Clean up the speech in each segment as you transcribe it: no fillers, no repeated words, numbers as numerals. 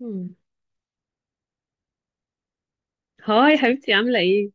مم. هاي حبيبتي عاملة ايه؟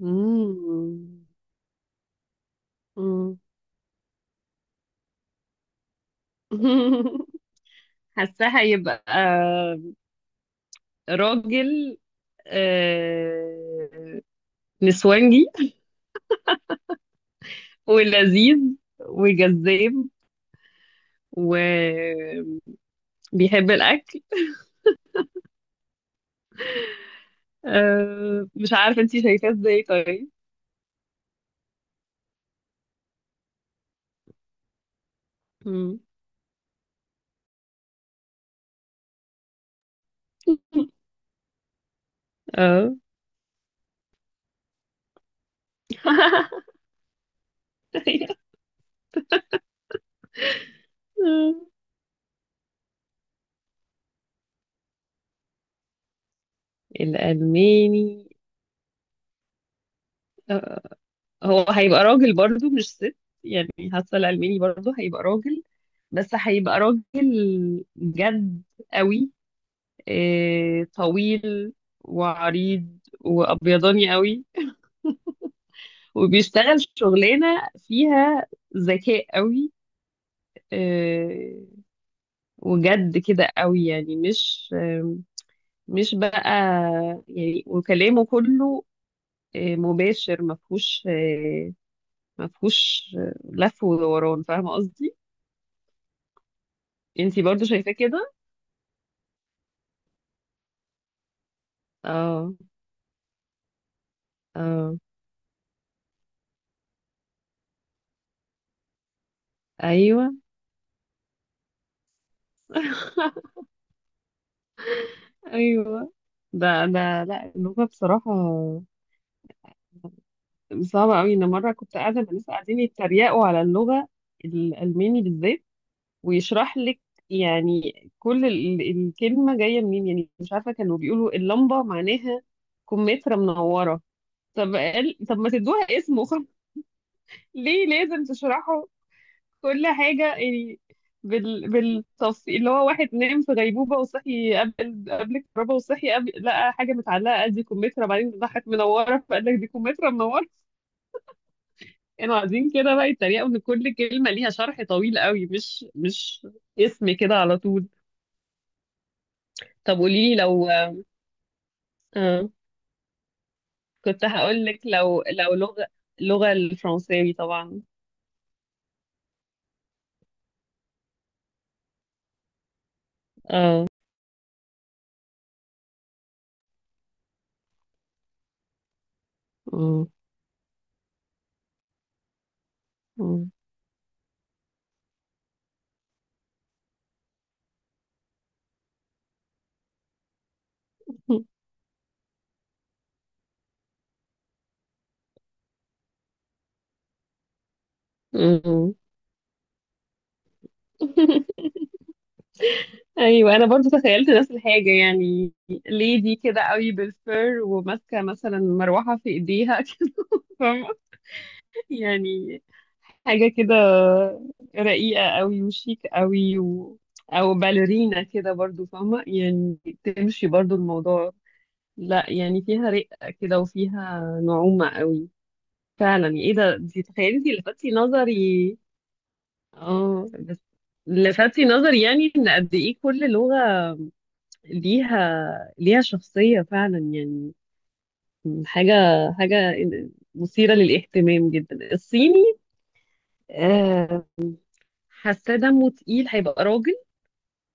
مم. مم. حاساه هيبقى راجل، آه، نسوانجي. ولذيذ وجذاب وبيحب الأكل. مش عارفة انتي شايفاه ازاي طيب. مم. اه. الألماني آه. هو هيبقى راجل برضو مش ست، يعني حاسه الألماني برضو هيبقى راجل، بس هيبقى راجل جد قوي، طويل وعريض وأبيضاني قوي، وبيشتغل شغلانة فيها ذكاء قوي. آه، وجد كده قوي، يعني مش بقى. يعني وكلامه كله مباشر، مفهوش لف ودوران. فاهمة قصدي؟ انتي برضو شايفاه كده. اه. اه. ايوه. ايوه. ده لا، اللغه بصراحه صعبه قوي. انا مره كنت قاعده مع ناس قاعدين يتريقوا على اللغه الالماني بالذات، ويشرح لك يعني كل الكلمه جايه منين. يعني مش عارفه، كانوا بيقولوا اللمبه معناها كمثرى منوره. طب قال، طب ما تدوها اسمه. ليه لازم تشرحه كل حاجة يعني بالتفصيل؟ اللي هو واحد نام في غيبوبة وصحي قبل الكهرباء، وصحي قبل، لقى حاجة متعلقة قال دي كمثرى، بعدين راحت منورة، فقال لك دي كمثرى منورة. كانوا قاعدين كده بقى يتريقوا إن كل كلمة ليها شرح طويل قوي، مش اسم كده على طول. طب قولي لي لو آه. كنت هقول لك لو لغة، اللغة الفرنساوي طبعا. اه. آه. آه. ايوه انا برضو تخيلت نفس الحاجه. يعني ليدي كده قوي بالفر، وماسكه مثلا مروحه في ايديها كده. فاهمة؟ يعني حاجه كده رقيقه قوي وشيك قوي او باليرينا كده برضو، فاهمه يعني تمشي برضو الموضوع. لا يعني فيها رقه كده، وفيها نعومه قوي فعلا. ايه ده، دي تخيلي انتي لفتي نظري. اه بس لفتي نظري يعني ان قد ايه كل لغه ليها شخصية فعلا يعني. حاجة حاجة مثيرة للاهتمام جدا. الصيني آه، حاسة دمه تقيل، هيبقى راجل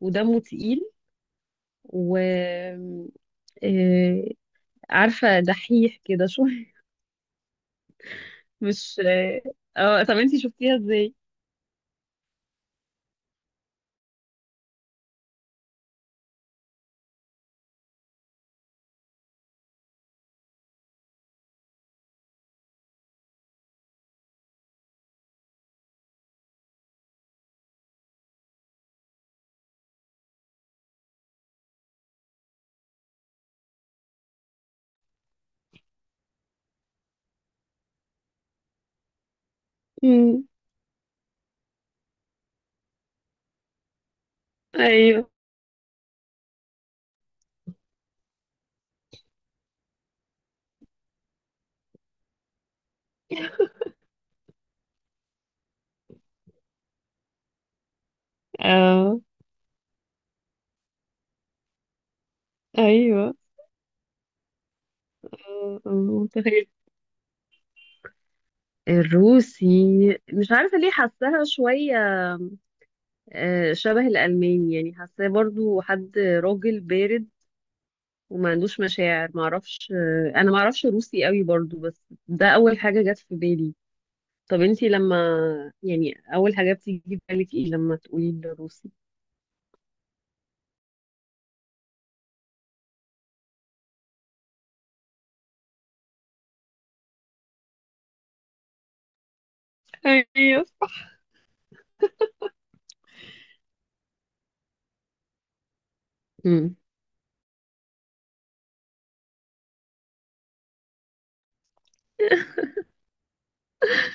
ودمه تقيل، و آه، عارفة دحيح كده شوية. مش اه. طب انتي شفتيها ازاي؟ مم، ايوه. اه. ايوه. آه. متخيل الروسي. مش عارفة ليه حاساها شوية شبه الألماني، يعني حاساه برضو حد راجل بارد، وما عندوش مشاعر، معرفش. أنا معرفش روسي قوي برضو، بس ده أول حاجة جت في بالي. طب انتي لما، يعني أول حاجة بتيجي في بالك ايه لما تقولي الروسي؟ ايوه. مم.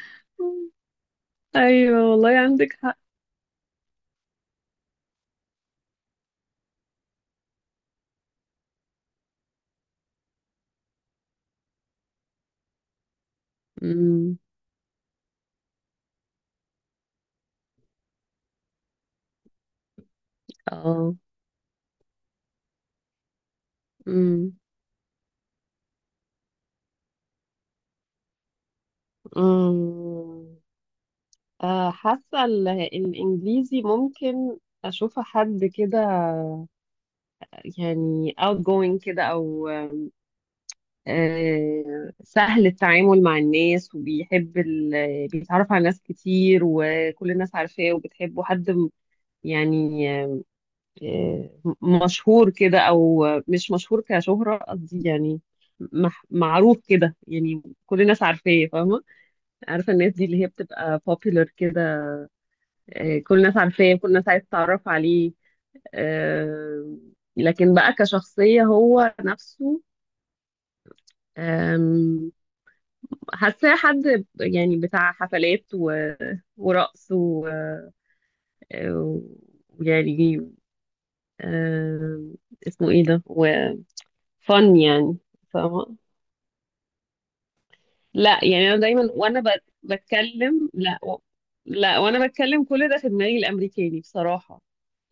ايوه والله عندك حق. مم. اه. مم. أمم، آه، حاسة الإنجليزي ممكن أشوف حد كده، يعني outgoing كده أو سهل التعامل مع الناس، وبيحب بيتعرف على ناس كتير، وكل الناس عارفاه وبتحبه، حد يعني آه، مشهور كده، او مش مشهور كشهرة قصدي يعني معروف كده، يعني كل الناس عارفاه فاهمة. عارفة الناس دي اللي هي بتبقى popular كده. كل الناس عارفاه، كل الناس عايزة تتعرف عليه، آه، لكن بقى كشخصية هو نفسه، حاساه حد يعني بتاع حفلات ورقص ويعني آه، اسمه ايه ده، وفن، يعني، فاهمة. لا يعني انا دايما وانا بتكلم، لا وانا بتكلم كل ده في دماغي الامريكاني، بصراحة.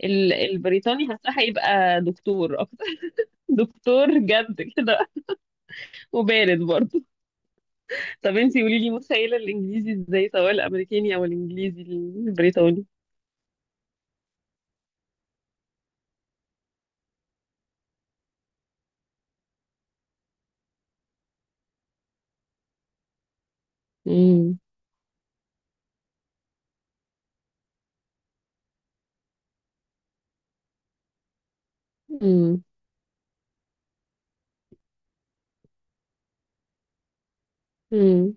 البريطاني حاساه هيبقى دكتور اكتر. دكتور جد كده، وبارد برضه. طب انتي قولي لي متخيلة الانجليزي ازاي، سواء الامريكاني او الانجليزي البريطاني. امم. امم.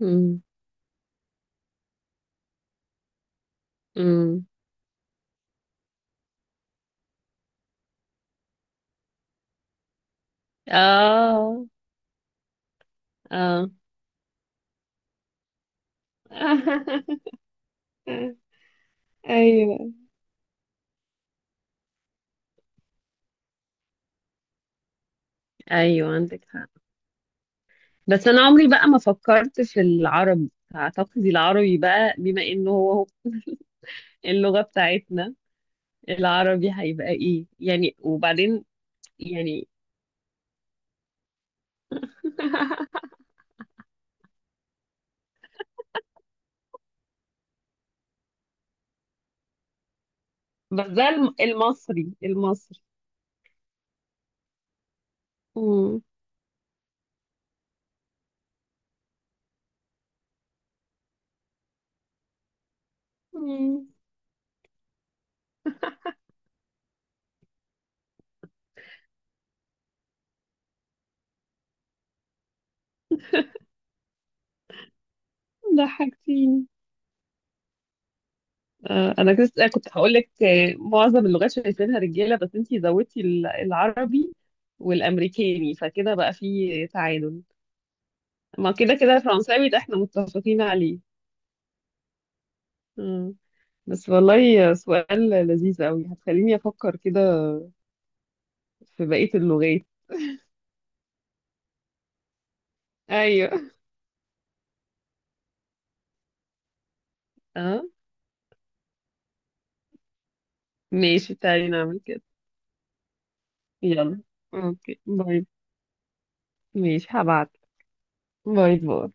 امم. امم. اه. اه. ايوه. ايوه عندك حق. بس انا عمري بقى ما فكرت في العربي. اعتقد العربي بقى بما انه هو اللغة بتاعتنا، العربي هيبقى ايه يعني، وبعدين يعني. بس ده المصري، المصري. امم. امم. ضحكتيني. انا كنت هقول لك معظم اللغات شايفينها رجاله، بس انتي زودتي العربي والامريكاني، فكده بقى في تعادل. ما كده كده الفرنساوي ده احنا متفقين عليه. مم. بس والله سؤال لذيذ قوي، هتخليني افكر كده في بقيه اللغات. ايوه. اه. ماشي، تعالي نعمل كده. يلا. اوكي باي. ماشي هبعت. باي باي.